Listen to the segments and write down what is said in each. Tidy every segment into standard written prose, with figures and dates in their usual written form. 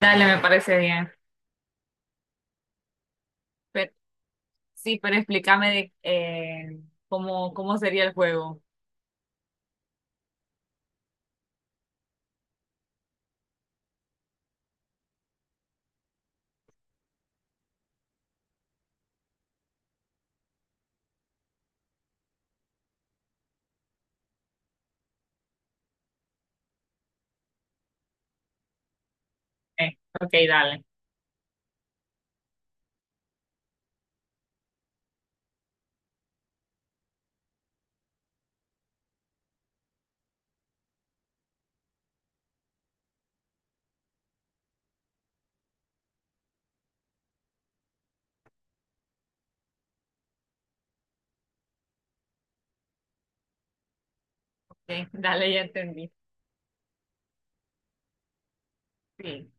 Dale, me parece bien. Pero, sí, pero explícame cómo, cómo sería el juego. Ok, dale. Ok, dale, ya entendí. Sí.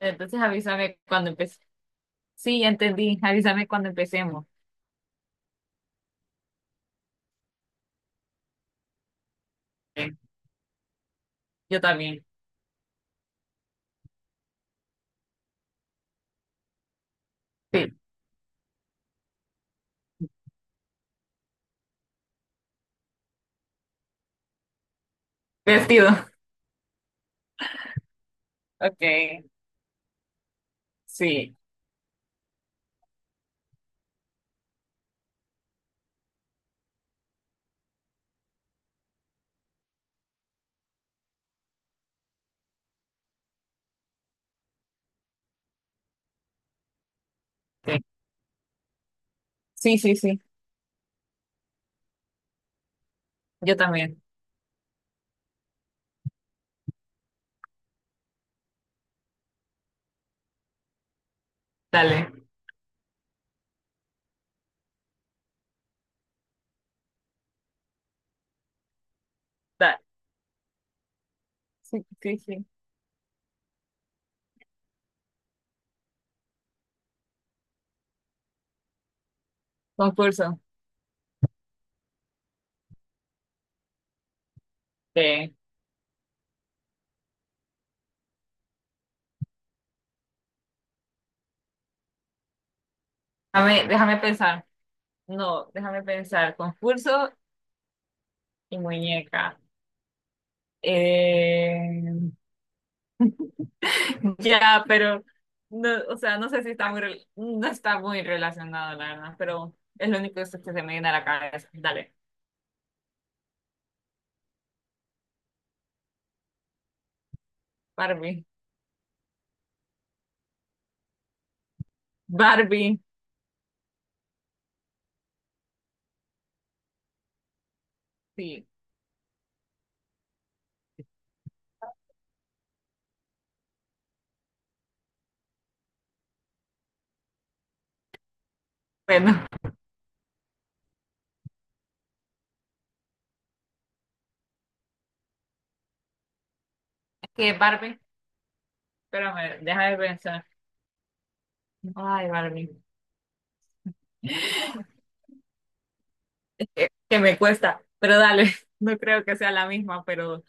Entonces avísame cuando empecemos. Sí, ya entendí. Avísame cuando empecemos. Eh, Yo también. Sí. Vestido. Ok, sí. Ok. Sí, sí, sí. Yo también. Dale. Dale. Sí, sí, sí. Concurso. Eh, déjame pensar. No, déjame pensar. Concurso y muñeca. Eh, Ya, pero no, o sea, no sé si está muy no está muy relacionado, la verdad, pero es lo único que se me viene a la cabeza. Dale, Barbie. Barbie, sí. Bueno, es que Barbie, espérame, deja de pensar. Ay, Barbie. Que me cuesta, pero dale, no creo que sea la misma, pero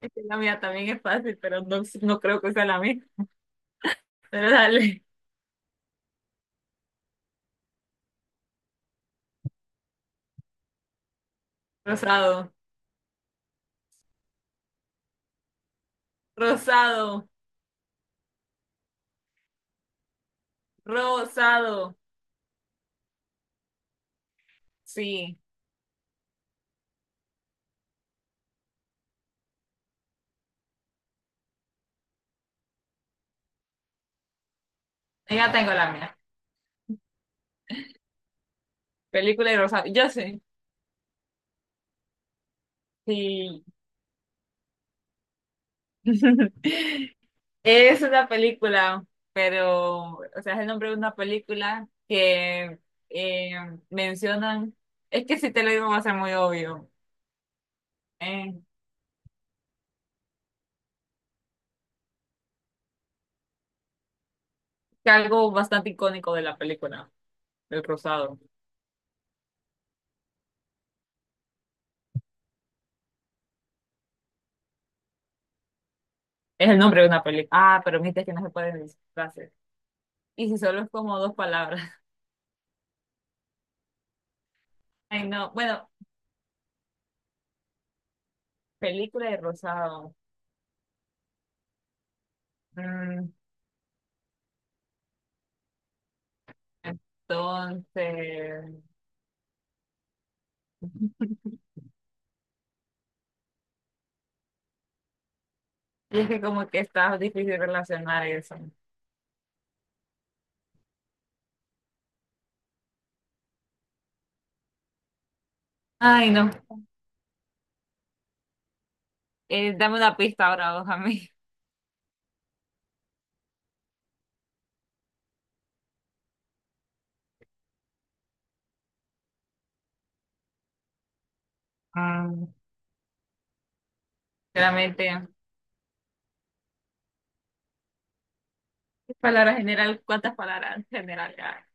es que la mía también es fácil, pero no, no creo que sea la misma. Pero dale, rosado, rosado, rosado. Sí, ya tengo la mía. Película y rosado. Yo sé. Sí. Es una película, pero, o sea, es el nombre de una película que eh, mencionan, es que si te lo digo va a ser muy obvio, eh, que algo bastante icónico de la película, El Cruzado. Es el nombre de una película. Ah, pero viste que no se pueden decir frases. Y si solo es como dos palabras. Ay, no. Bueno, película de rosado. Mm, entonces, y es que como que está difícil relacionar eso. Ay, no. Dame una pista ahora vos a mí. Ah, claramente. ¿Qué palabra general? ¿Cuántas palabras general ya?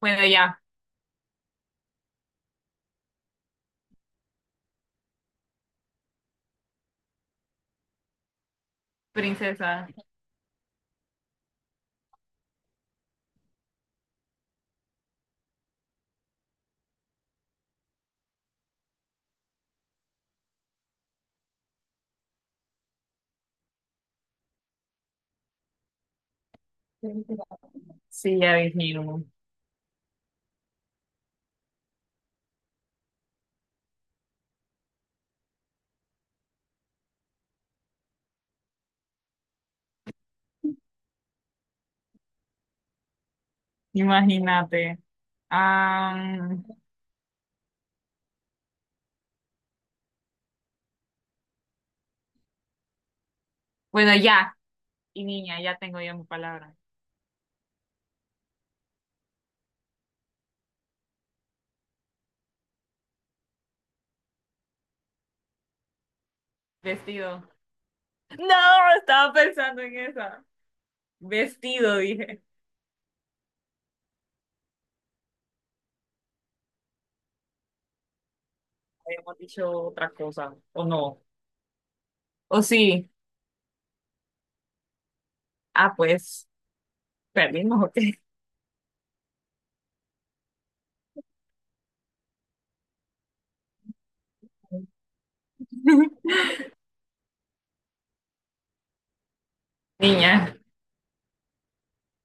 Bueno, ya, princesa. Sí, ya dijimos. Imagínate. Am, bueno, ya. Y niña, ya tengo yo mi palabra. Vestido. No, estaba pensando en esa. Vestido, dije. ¿Habíamos dicho otra cosa, o no? ¿O sí? Ah, pues, perdimos, ok. Niña.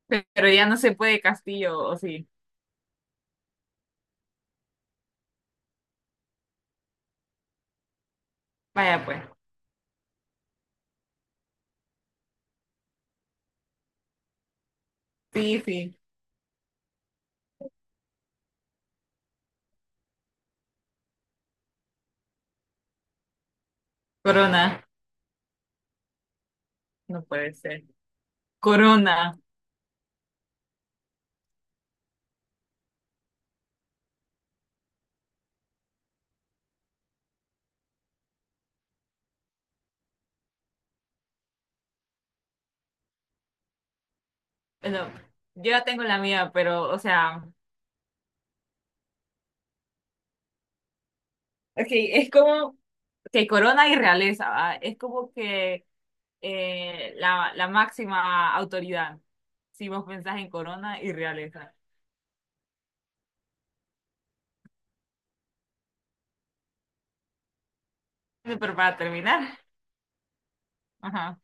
Pero ya no se puede castillo, o sí. Vaya pues. Sí, sí. Corona. No puede ser. Corona. Bueno, yo ya tengo la mía, pero, o sea, es es como que corona y realeza, ¿va? Es como que la máxima autoridad. Si vos pensás en corona y realeza. Bueno, pero para terminar, ajá.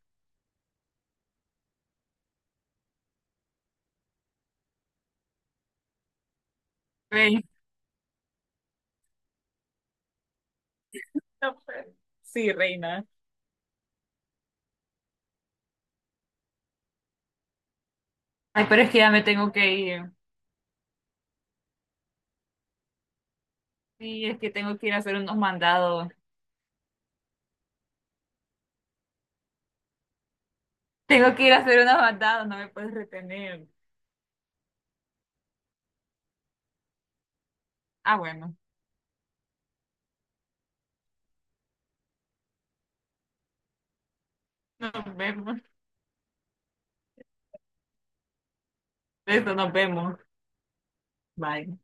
Reina. No, pues, sí, reina. Ay, pero es que ya me tengo que ir. Sí, es que tengo que ir a hacer unos mandados. Tengo que ir a hacer unas bandadas, no me puedes retener. Ah, bueno, nos vemos. Eso, nos vemos. Bye.